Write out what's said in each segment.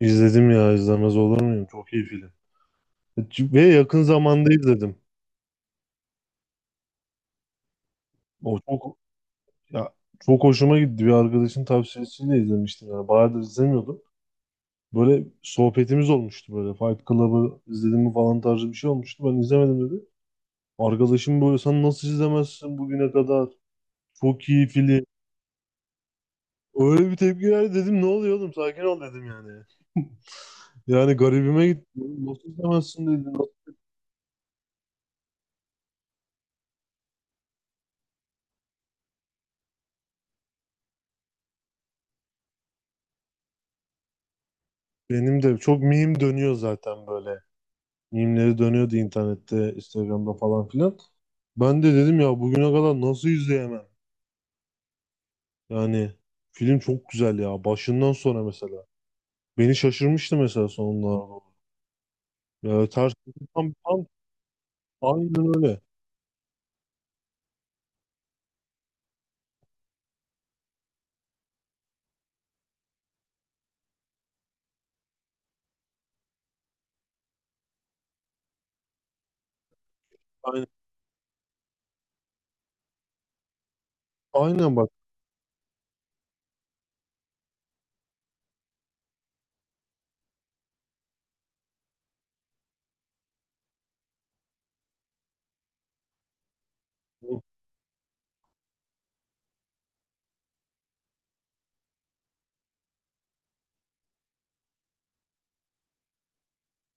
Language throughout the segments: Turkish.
İzledim ya, izlemez olur muyum? Çok iyi film. Ve yakın zamanda izledim. O çok, ya, çok hoşuma gitti. Bir arkadaşın tavsiyesiyle izlemiştim yani. Bayağıdır izlemiyordum. Böyle sohbetimiz olmuştu böyle. Fight Club'ı izledim mi falan tarzı bir şey olmuştu. Ben izlemedim dedi. Arkadaşım böyle, sen nasıl izlemezsin bugüne kadar? Çok iyi film. Öyle bir tepki verdi, dedim ne oluyor oğlum, sakin ol dedim yani. Yani garibime gitti. Nasıl izlemezsin dedi. Benim de çok meme dönüyor zaten böyle. Mimleri dönüyordu internette, Instagram'da falan filan. Ben de dedim ya, bugüne kadar nasıl izleyemem? Yani film çok güzel ya. Başından sonra mesela. Beni şaşırmıştı mesela sonuna doğru. Ya ters, tam, aynen öyle. Aynen, aynen bak.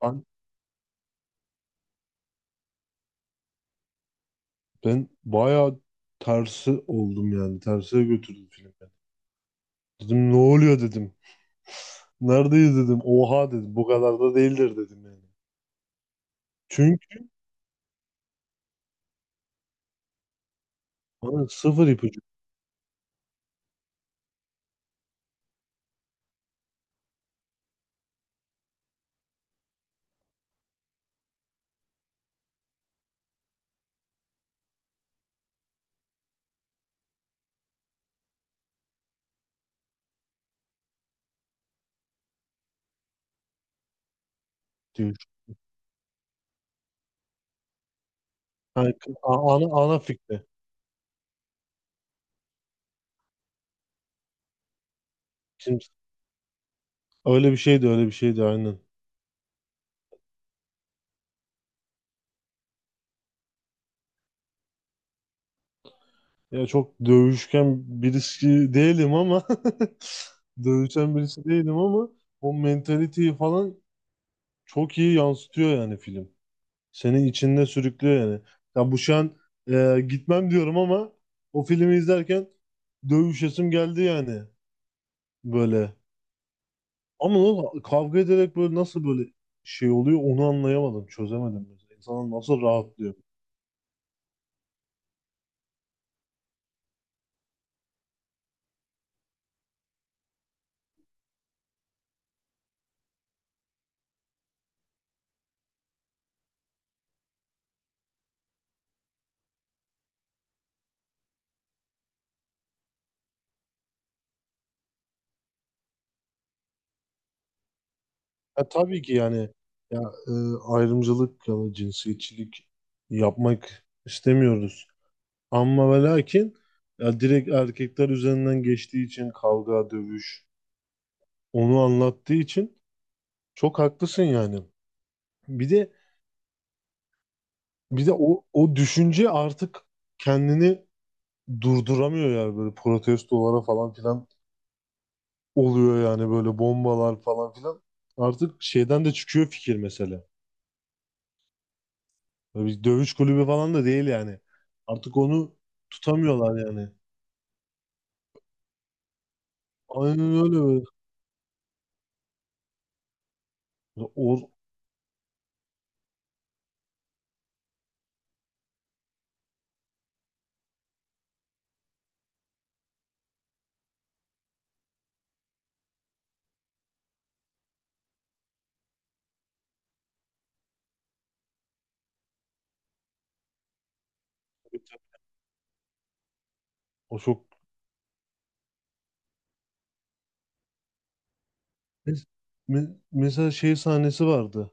Ben, ben bayağı tersi oldum yani. Terse götürdüm filmi. Dedim ne oluyor dedim. Neredeyiz dedim. Oha dedim. Bu kadar da değildir dedim yani. Çünkü bana sıfır ipucu diyor. Yani ana fikri. Şimdi öyle bir şeydi aynen. Ya çok dövüşken birisi değilim ama dövüşen birisi değilim ama o mentaliteyi falan çok iyi yansıtıyor yani film. Seni içinde sürüklüyor yani. Ya bu şu an gitmem diyorum ama o filmi izlerken dövüşesim geldi yani böyle. Ama o kavga ederek böyle nasıl böyle şey oluyor onu anlayamadım, çözemedim mesela. İnsanlar nasıl rahatlıyor? Ya tabii ki yani, ya, e, ayrımcılık ya da cinsiyetçilik yapmak istemiyoruz. Ama ve lakin, ya, direkt erkekler üzerinden geçtiği için kavga, dövüş, onu anlattığı için çok haklısın yani. Bir de bir de o düşünce artık kendini durduramıyor yani, böyle protestolara falan filan oluyor yani, böyle bombalar falan filan. Artık şeyden de çıkıyor fikir mesela. Böyle bir dövüş kulübü falan da değil yani. Artık onu tutamıyorlar yani. Aynen öyle böyle. O, o çok... Mes- Mesela şey sahnesi vardı.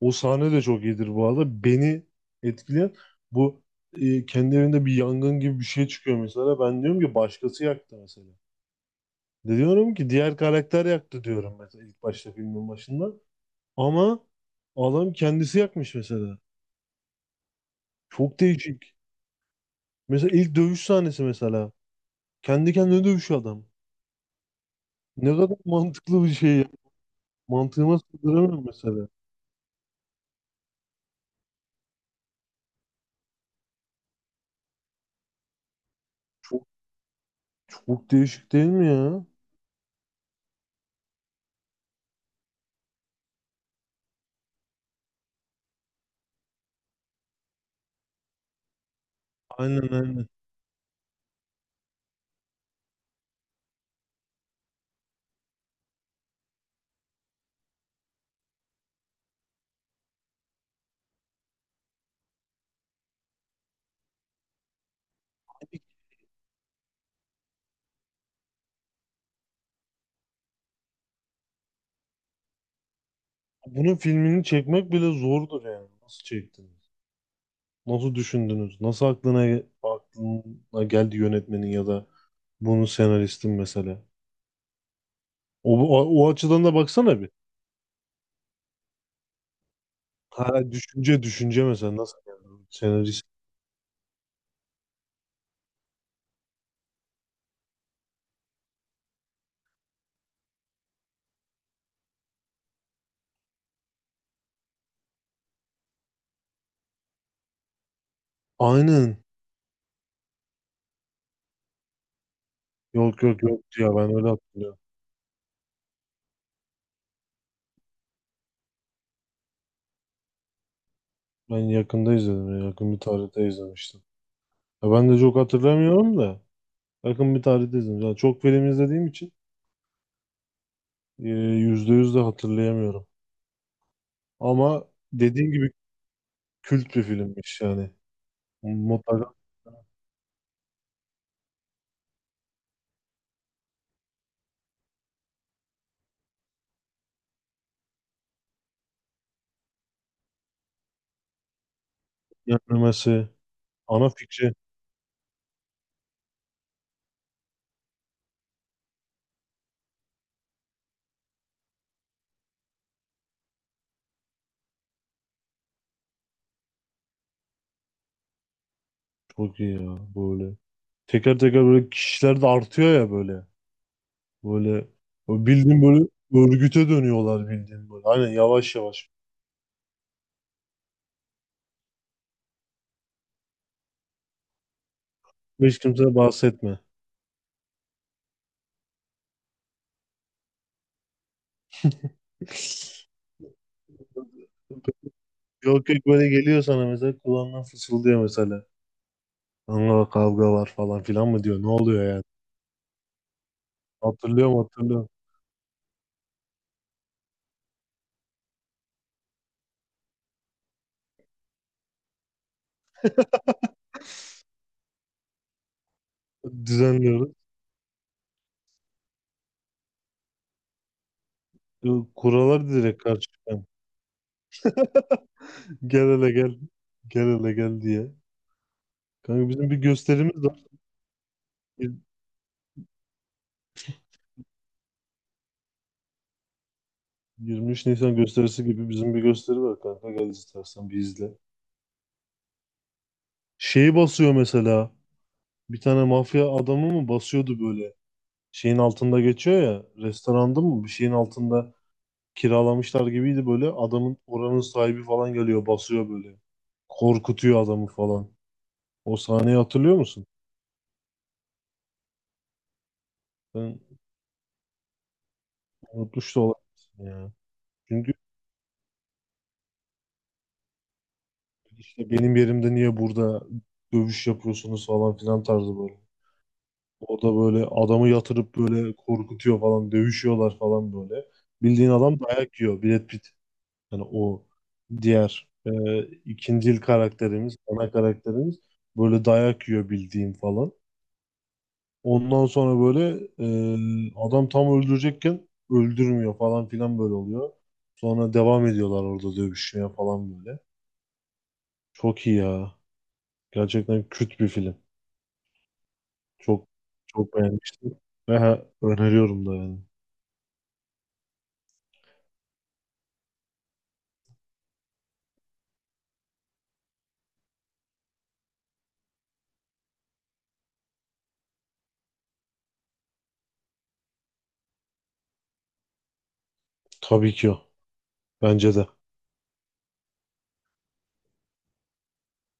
O sahne de çok iyidir bu arada. Beni etkileyen bu, kendi evinde bir yangın gibi bir şey çıkıyor mesela. Ben diyorum ki başkası yaktı mesela. De diyorum ki diğer karakter yaktı diyorum mesela, ilk başta filmin başında. Ama adam kendisi yakmış mesela. Çok değişik. Mesela ilk dövüş sahnesi mesela. Kendi kendine dövüşüyor adam. Ne kadar mantıklı bir şey ya. Mantığıma sığdıramıyorum mesela. Çok, çok değişik değil mi ya? Aynen, aynen. Bunun filmini çekmek bile zordur yani. Nasıl çektiniz? Nasıl düşündünüz? Nasıl aklına geldi yönetmenin ya da bunun senaristin mesela? O açıdan da baksana bir. Ha, düşünce mesela nasıl geldi? Senarist. Aynen. Yok ya, ben öyle hatırlıyorum. Ben yakında izledim ya. Yakın bir tarihte izlemiştim. Ya ben de çok hatırlamıyorum da yakın bir tarihte izledim. Yani çok film izlediğim için yüzde yüz de hatırlayamıyorum. Ama dediğim gibi kült bir filmmiş yani. Mutlaka yenilemesi, ana fikri çok iyi ya böyle. Teker teker böyle kişiler de artıyor ya böyle. Böyle o bildiğin böyle örgüte dönüyorlar bildiğin böyle. Aynen, yavaş yavaş. Hiç kimseye bahsetme. Yok böyle geliyor sana mesela, kulağından fısıldıyor mesela. Kanka kavga var falan filan mı diyor. Ne oluyor yani? Hatırlıyorum. Düzenliyoruz. Kurallar direkt karşı çıkan. Gel hele gel. Gel hele gel diye. Kanka bizim bir gösterimiz var. Bir- 23 Nisan gösterisi gibi bizim bir gösteri var kanka. Gel istersen bir izle. Şeyi basıyor mesela. Bir tane mafya adamı mı basıyordu böyle. Şeyin altında geçiyor ya. Restoranda mı? Bir şeyin altında kiralamışlar gibiydi böyle. Adamın oranın sahibi falan geliyor, basıyor böyle. Korkutuyor adamı falan. O sahneyi hatırlıyor musun? Ben unutmuş da olabilirsin ya. Çünkü işte benim yerimde niye burada dövüş yapıyorsunuz falan filan tarzı böyle. O da böyle adamı yatırıp böyle korkutuyor falan, dövüşüyorlar falan böyle. Bildiğin adam dayak yiyor. Brad Pitt. Yani o diğer, ikinci karakterimiz, ana karakterimiz böyle dayak yiyor bildiğim falan. Ondan sonra böyle, adam tam öldürecekken öldürmüyor falan filan böyle oluyor. Sonra devam ediyorlar orada dövüşmeye falan böyle. Çok iyi ya. Gerçekten küt bir film. Çok, çok beğenmiştim. Ve öneriyorum da yani. Tabii ki o. Bence de.